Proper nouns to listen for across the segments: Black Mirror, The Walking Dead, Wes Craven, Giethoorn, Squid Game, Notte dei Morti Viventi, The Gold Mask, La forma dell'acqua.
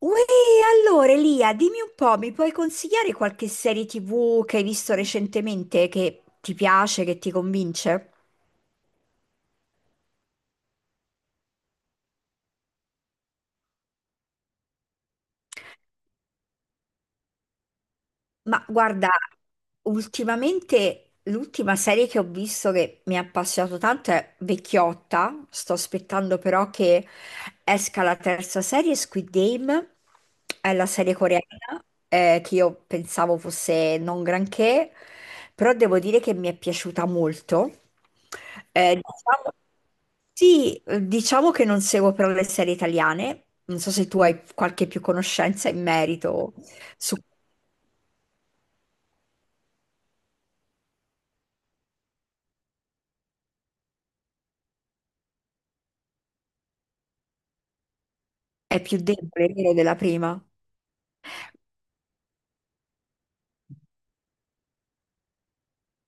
Uè, allora Elia, dimmi un po', mi puoi consigliare qualche serie TV che hai visto recentemente che ti piace, che ti convince? Ma guarda, ultimamente l'ultima serie che ho visto che mi ha appassionato tanto è Vecchiotta. Sto aspettando però che esca la terza serie, Squid Game, è la serie coreana che io pensavo fosse non granché, però devo dire che mi è piaciuta molto. Eh, diciamo- sì, diciamo che non seguo però le serie italiane, non so se tu hai qualche più conoscenza in merito. Su è più debole, vero, della prima.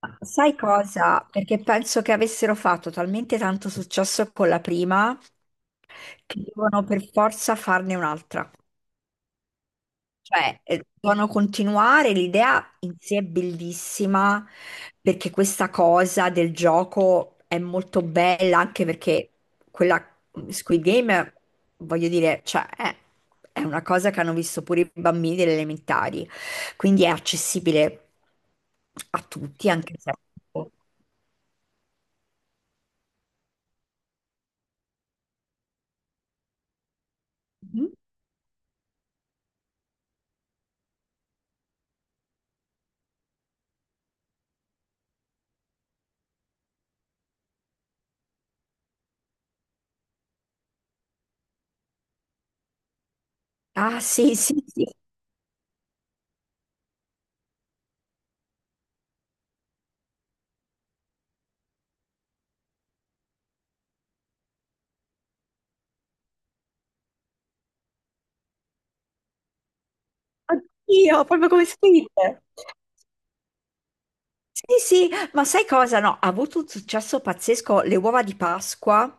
Ma sai cosa? Perché penso che avessero fatto talmente tanto successo con la prima che devono per forza farne un'altra. Cioè, devono continuare, l'idea in sé è bellissima perché questa cosa del gioco è molto bella anche perché quella Squid Game, voglio dire, è una cosa che hanno visto pure i bambini delle elementari, quindi è accessibile a tutti, anche se... Mhm. Ah, sì, sì, sì. Oddio, proprio come Squid. Sì, sì, ma sai cosa? No, ha avuto un successo pazzesco le uova di Pasqua.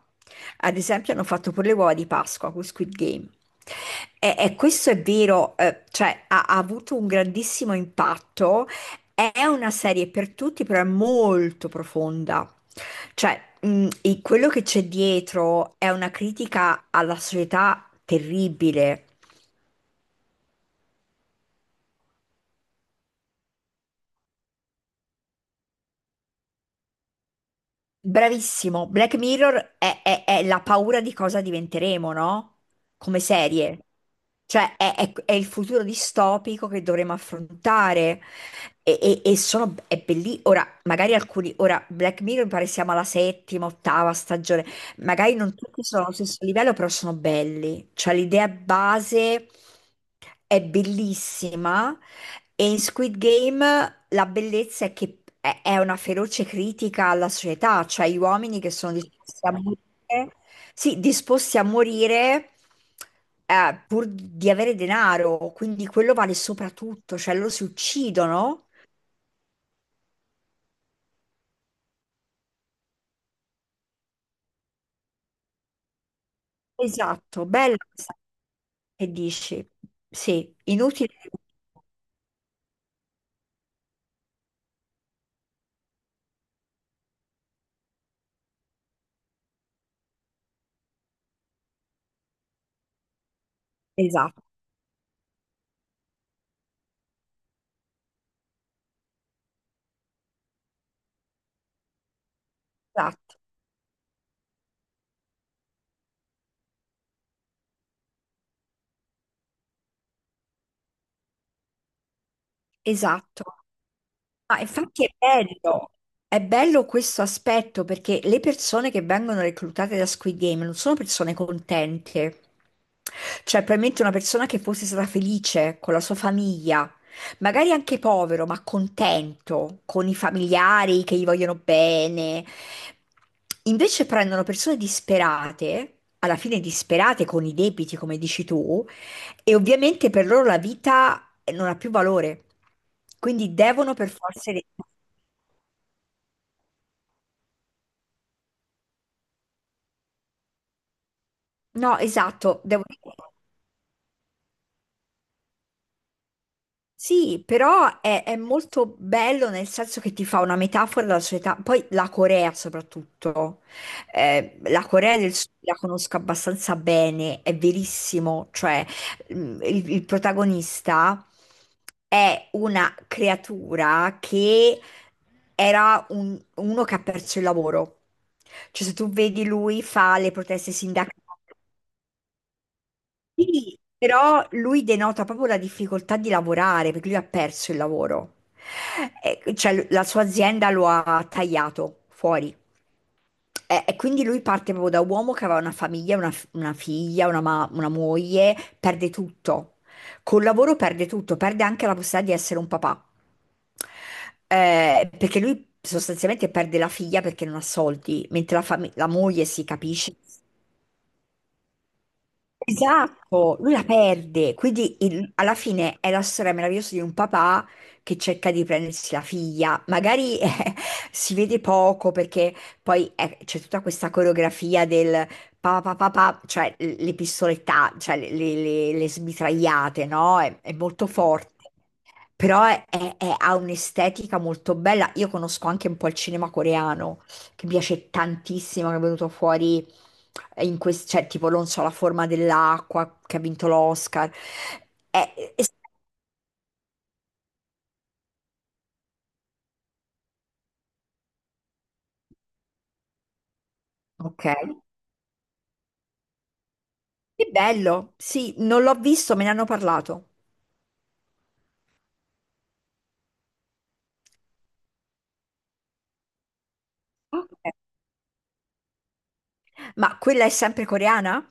Ad esempio, hanno fatto pure le uova di Pasqua con Squid Game. E questo è vero, ha avuto un grandissimo impatto. È una serie per tutti, però è molto profonda. Cioè, e quello che c'è dietro è una critica alla società terribile. Bravissimo, Black Mirror è la paura di cosa diventeremo, no? Come serie. È il futuro distopico che dovremo affrontare. È bellissimo. Ora, magari alcuni, ora, Black Mirror mi pare siamo alla settima, ottava stagione. Magari non tutti sono allo stesso livello, però sono belli. Cioè, l'idea base è bellissima. E in Squid Game la bellezza è che è una feroce critica alla società, cioè gli uomini che sono disposti a morire, sì, disposti a morire pur di avere denaro, quindi quello vale soprattutto, cioè loro si uccidono. Esatto, bello che dici. Sì, inutile. Esatto, esatto, esatto. Ma infatti è bello questo aspetto perché le persone che vengono reclutate da Squid Game non sono persone contente. Cioè, probabilmente una persona che fosse stata felice con la sua famiglia, magari anche povero, ma contento con i familiari che gli vogliono bene. Invece prendono persone disperate, alla fine disperate con i debiti, come dici tu, e ovviamente per loro la vita non ha più valore, quindi devono per forza... No, esatto, devo... Sì, però è molto bello nel senso che ti fa una metafora della società, poi la Corea soprattutto, eh, la Corea del Sud la conosco abbastanza bene, è verissimo, cioè mm, il protagonista è una creatura che era uno che ha perso il lavoro, cioè se tu vedi lui fa le proteste sindacali. Sì, però lui denota proprio la difficoltà di lavorare perché lui ha perso il lavoro. E, cioè, la sua azienda lo ha tagliato fuori. E quindi lui parte proprio da uomo che aveva una famiglia, una figlia, una moglie, perde tutto. Col lavoro perde tutto, perde anche la possibilità di essere un papà. Perché lui sostanzialmente perde la figlia perché non ha soldi, mentre la moglie si capisce. Esatto, lui la perde, quindi alla fine è la storia meravigliosa di un papà che cerca di prendersi la figlia, magari si vede poco perché poi c'è tutta questa coreografia del papà papà, cioè le pistoletta, le smitragliate, no? È molto forte. Però ha un'estetica molto bella. Io conosco anche un po' il cinema coreano, che mi piace tantissimo, che è venuto fuori in questo, cioè tipo, non so, La forma dell'acqua, che ha vinto l'Oscar. È- è- ok, che bello. Sì, non l'ho visto, me ne hanno parlato. Ok. Ma quella è sempre coreana?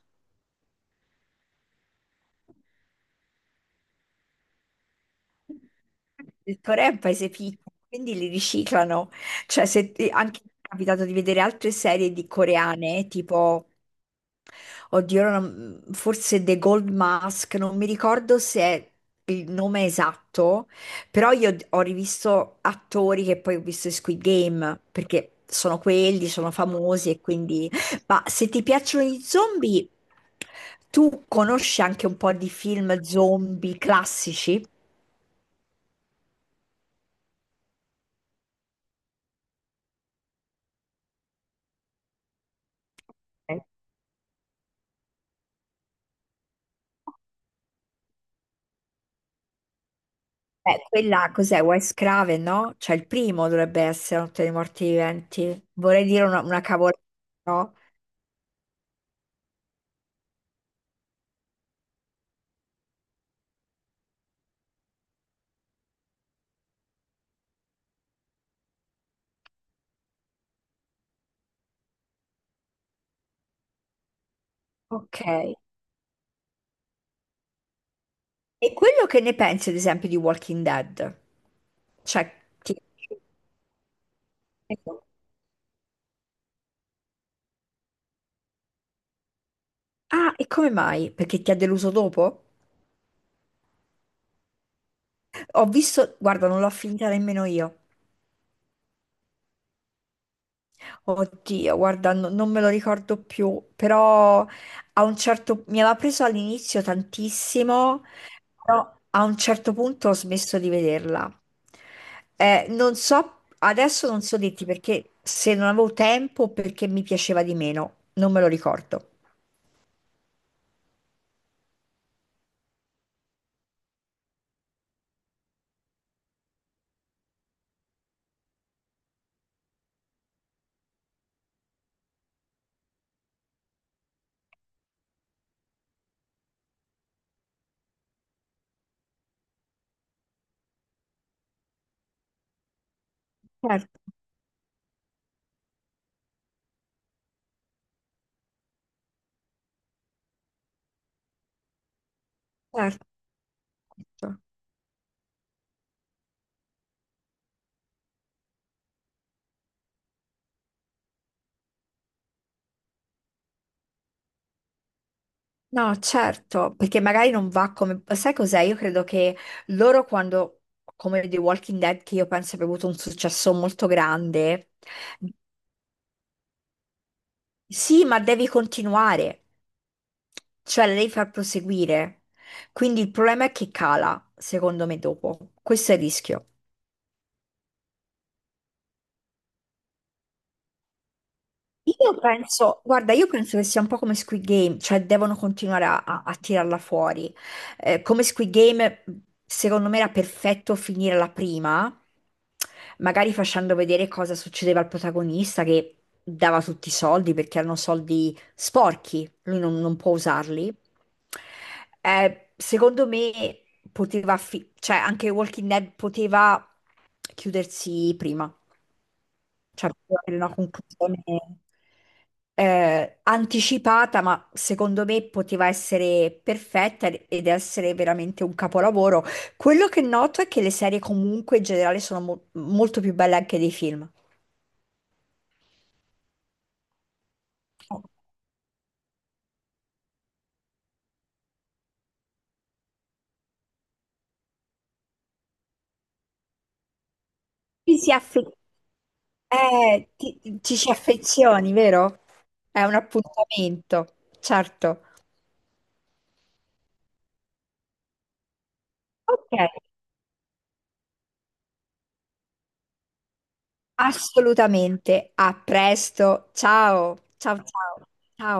Il Corea è un paese piccolo, quindi li riciclano. Cioè, se anche mi è capitato di vedere altre serie di coreane, tipo oddio, ora non- forse The Gold Mask, non mi ricordo se è il nome esatto, però io ho rivisto attori che poi ho visto in Squid Game, perché sono quelli, sono famosi e quindi... Ma se ti piacciono gli zombie, tu conosci anche un po' di film zombie classici? Quella cos'è? Wes Craven, no? Cioè il primo dovrebbe essere Notte dei Morti Viventi. Vorrei dire una cavolata, no? Ok. E quello che ne pensi, ad esempio, di Walking Dead? Cioè, ti... Ah, e come mai? Perché ti ha deluso dopo? Ho visto, guarda, non l'ho finita nemmeno io. Oddio, guarda, non me lo ricordo più, però a un certo mi aveva preso all'inizio tantissimo, però a un certo punto ho smesso di vederla. Non so, adesso non so dirti perché se non avevo tempo o perché mi piaceva di meno, non me lo ricordo. Certo, certo. No, certo, perché magari non va come... Sai cos'è? Io credo che loro quando, come The Walking Dead, che io penso abbia avuto un successo molto grande, sì, ma devi continuare, cioè la devi far proseguire. Quindi il problema è che cala, secondo me, dopo. Questo è il rischio. Io penso, guarda, io penso che sia un po' come Squid Game, cioè devono continuare a tirarla fuori. Come Squid Game, secondo me era perfetto finire la prima, magari facendo vedere cosa succedeva al protagonista che dava tutti i soldi perché erano soldi sporchi, lui non, non può usarli. Secondo me cioè anche Walking Dead poteva chiudersi prima cioè per una conclusione anticipata, ma secondo me poteva essere perfetta ed essere veramente un capolavoro. Quello che noto è che le serie comunque in generale sono molto più belle anche dei film. Ti si affe- eh, ci si affezioni, vero? È un appuntamento, certo. Ok, assolutamente. A presto. Ciao, ciao, ciao. Ciao.